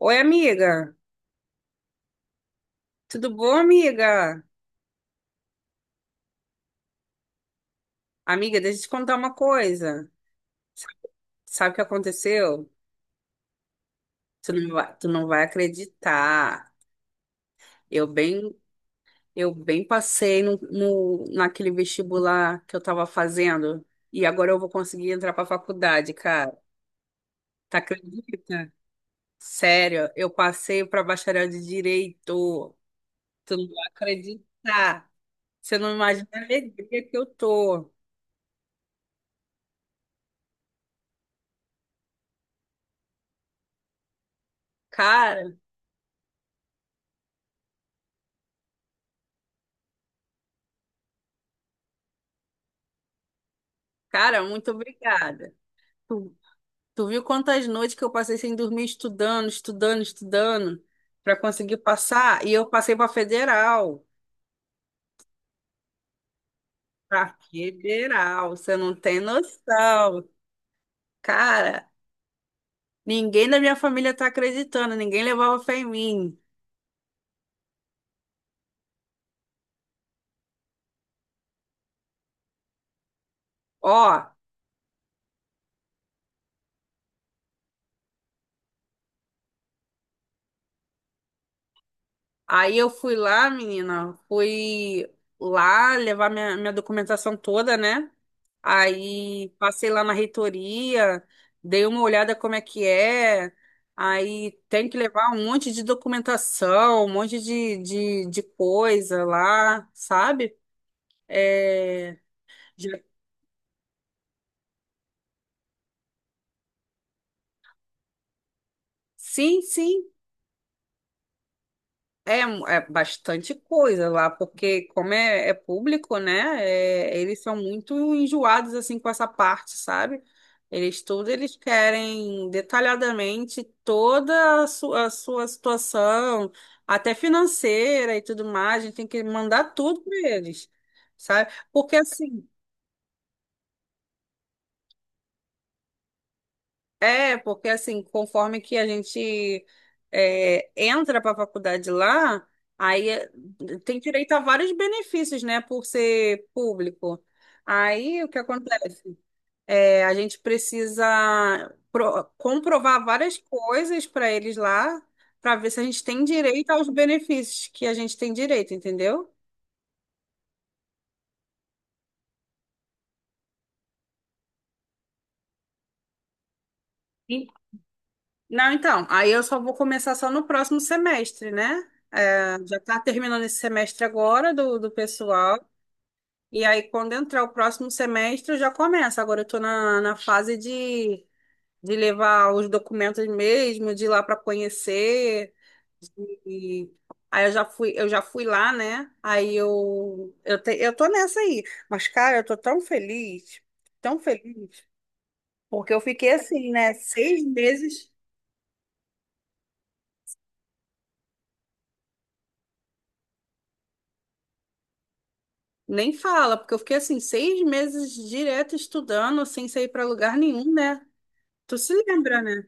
Oi, amiga. Tudo bom, amiga? Amiga, deixa eu te contar uma coisa. S- Sabe o que aconteceu? Tu não vai acreditar. Eu bem, eu bem passei naquele vestibular que eu tava fazendo e agora eu vou conseguir entrar pra faculdade, cara. Tá, acredita? Sério, eu passei pra bacharel de direito. Tu não vai acreditar. Você não imagina a alegria que eu tô. Cara, cara, muito obrigada. Tu viu quantas noites que eu passei sem dormir, estudando, estudando, estudando, para conseguir passar? E eu passei para federal. Para federal, você não tem noção. Cara, ninguém da minha família tá acreditando, ninguém levava fé em mim. Ó, aí eu fui lá, menina, fui lá levar minha documentação toda, né? Aí passei lá na reitoria, dei uma olhada como é que é. Aí tem que levar um monte de documentação, um monte de coisa lá, sabe? É, já- sim, sim. É, é bastante coisa lá, porque como é, é público, né? Eles são muito enjoados assim com essa parte, sabe? Eles querem detalhadamente toda a sua situação, até financeira e tudo mais. A gente tem que mandar tudo para eles, sabe? Porque assim É, porque assim, conforme que a gente entra para a faculdade lá, aí é, tem direito a vários benefícios, né, por ser público. Aí o que acontece? É, a gente precisa comprovar várias coisas para eles lá, para ver se a gente tem direito aos benefícios que a gente tem direito, entendeu? E- Não, então, aí eu só vou começar só no próximo semestre, né? É, já está terminando esse semestre agora do pessoal. E aí, quando entrar o próximo semestre, eu já começo. Agora eu estou na fase de levar os documentos mesmo, de ir lá para conhecer. E aí eu já fui lá, né? Aí eu tô nessa aí. Mas, cara, eu tô tão feliz, porque eu fiquei assim, né? Seis meses. Nem fala, porque eu fiquei assim, seis meses direto estudando, sem sair para lugar nenhum, né? Tu se lembra, né?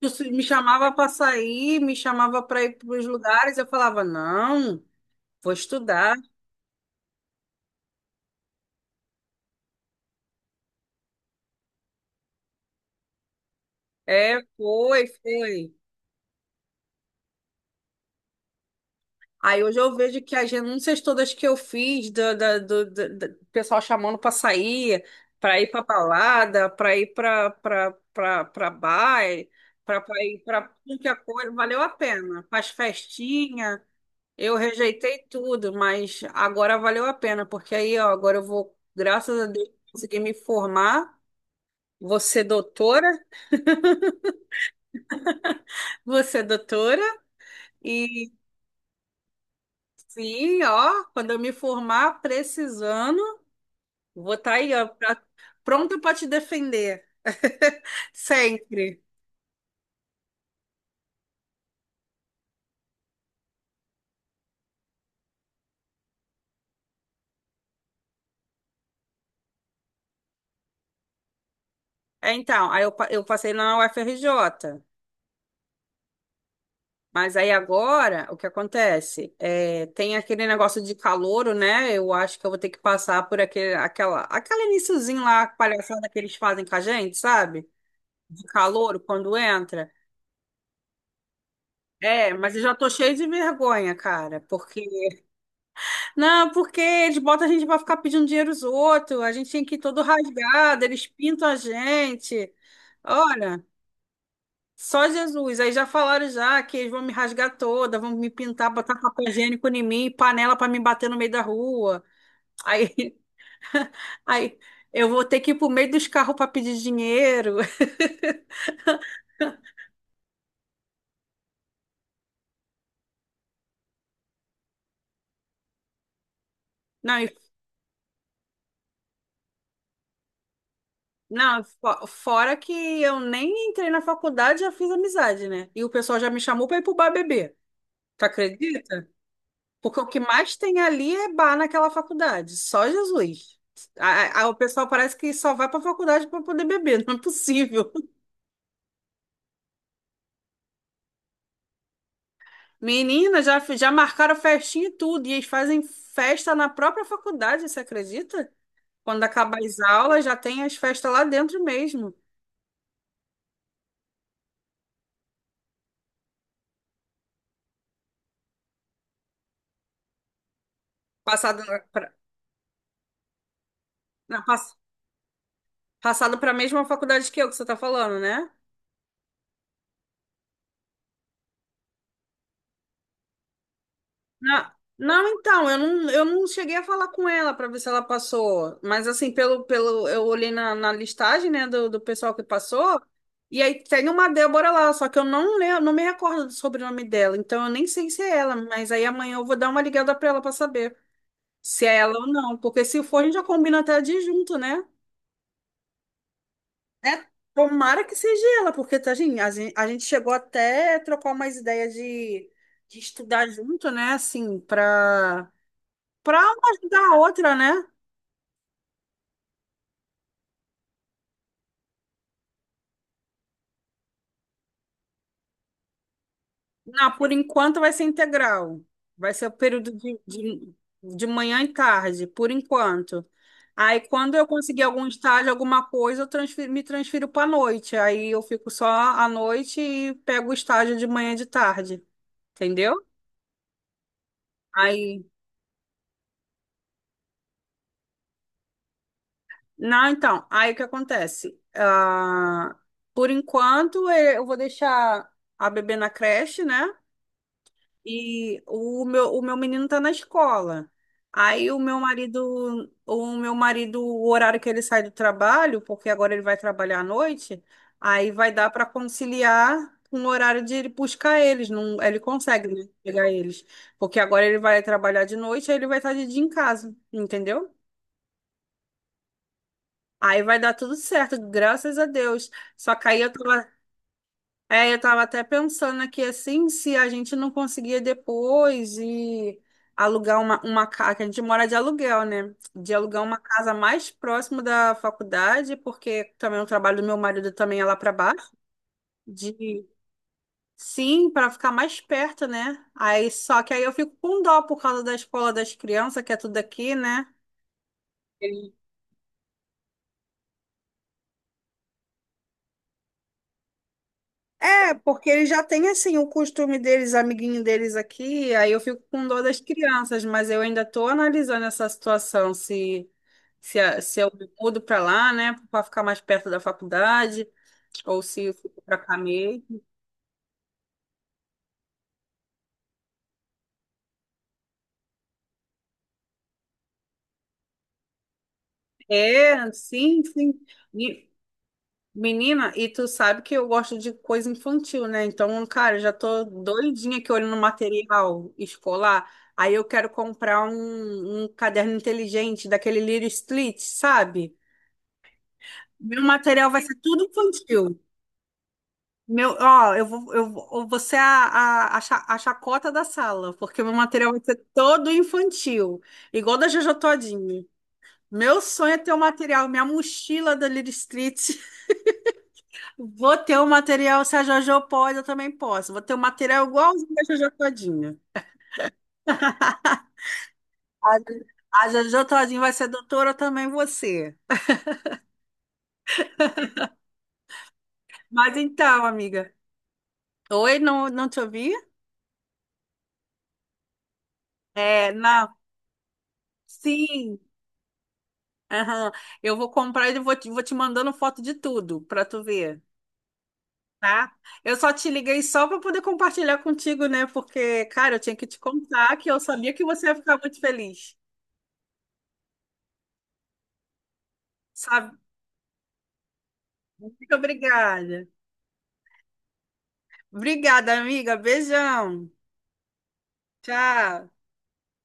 Eu se- Me chamava para sair, me chamava para ir para os lugares, eu falava, não, vou estudar. É, foi, foi. Aí hoje eu vejo que as renúncias todas que eu fiz, do pessoal chamando para sair, para ir para balada, para bar, para ir para tudo que é coisa, valeu a pena. Para as festinhas, eu rejeitei tudo, mas agora valeu a pena, porque aí, ó, agora eu vou, graças a Deus, conseguir me formar. Você é doutora? Você é doutora? E sim, ó, quando eu me formar precisando, vou estar aí, ó, pronta para te defender. Sempre. É, então, eu passei na UFRJ. Mas aí agora, o que acontece? É, tem aquele negócio de calouro, né? Eu acho que eu vou ter que passar por aquele iniciozinho lá, palhaçada que eles fazem com a gente, sabe? De calouro, quando entra. É, mas eu já tô cheio de vergonha, cara, porque Não, porque eles botam a gente pra ficar pedindo dinheiro aos outros, a gente tem que ir todo rasgado, eles pintam a gente. Olha, só Jesus. Aí já falaram já que eles vão me rasgar toda, vão me pintar, botar papel higiênico em mim, panela pra me bater no meio da rua. Aí, aí eu vou ter que ir pro meio dos carros pra pedir dinheiro. Não, e- não, fora que eu nem entrei na faculdade, já fiz amizade, né? E o pessoal já me chamou pra ir pro bar beber. Tu acredita? Porque o que mais tem ali é bar naquela faculdade, só Jesus. O pessoal parece que só vai para faculdade para poder beber, não é possível. Menina, já, já marcaram festinha e tudo, e eles fazem festa na própria faculdade, você acredita? Quando acabar as aulas, já tem as festas lá dentro mesmo. Passado para a mesma faculdade que eu, que você está falando, né? Não, então, eu não cheguei a falar com ela para ver se ela passou. Mas assim, pelo, eu olhei na listagem, né, do pessoal que passou, e aí tem uma Débora lá, só que eu não le não me recordo do sobrenome dela, então eu nem sei se é ela, mas aí amanhã eu vou dar uma ligada para ela para saber se é ela ou não, porque se for, a gente já combina até de ir junto, né? É, tomara que seja ela, porque tá, gente, a gente, chegou até a trocar umas ideias de estudar junto, né? Assim, para Para uma ajudar a outra, né? Não, por enquanto vai ser integral. Vai ser o período de manhã e tarde, por enquanto. Aí, quando eu conseguir algum estágio, alguma coisa, eu me transfiro para noite. Aí eu fico só à noite e pego o estágio de manhã e de tarde, entendeu? Aí, não, então, aí o que acontece? Ah, por enquanto, eu vou deixar a bebê na creche, né? E o meu menino tá na escola. Aí o meu marido, o horário que ele sai do trabalho, porque agora ele vai trabalhar à noite, aí vai dar para conciliar com o horário de ele buscar eles. Não, ele consegue, né, pegar eles. Porque agora ele vai trabalhar de noite, aí ele vai estar de dia em casa, entendeu? Aí vai dar tudo certo, graças a Deus. Só que aí eu tava, é, eu estava até pensando aqui assim, se a gente não conseguia depois e alugar uma casa, que a gente mora de aluguel, né? De alugar uma casa mais próximo da faculdade, porque também o trabalho do meu marido também é lá para baixo, de sim, para ficar mais perto, né? Aí só que aí eu fico com dó por causa da escola das crianças, que é tudo aqui, né? É, porque eles já têm assim o costume deles, amiguinho deles aqui, aí eu fico com dor das crianças, mas eu ainda estou analisando essa situação, se eu me mudo para lá, né, para ficar mais perto da faculdade, ou se eu fico para cá mesmo. É, sim, sim. E, menina, e tu sabe que eu gosto de coisa infantil, né? Então, cara, eu já tô doidinha aqui olhando material escolar. Aí eu quero comprar um caderno inteligente daquele Little Street, sabe? Meu material vai ser tudo infantil. Meu, ó, eu vou ser a chacota da sala, porque meu material vai ser todo infantil, igual da Jojo Todinho. Meu sonho é ter o material, minha mochila da Little Street. Vou ter o material, se a Jojo pode, eu também posso. Vou ter o material igualzinho da Jojo Todinho. A, a Jojo Todinho vai ser doutora também, você. Mas então, amiga. Oi, não, não te ouvi? É, não. Sim, aham. Eu vou comprar e vou te mandando foto de tudo para tu ver, tá? Eu só te liguei só para poder compartilhar contigo, né? Porque, cara, eu tinha que te contar que eu sabia que você ia ficar muito feliz, sabe? Muito obrigada. Obrigada, amiga. Beijão. Tchau.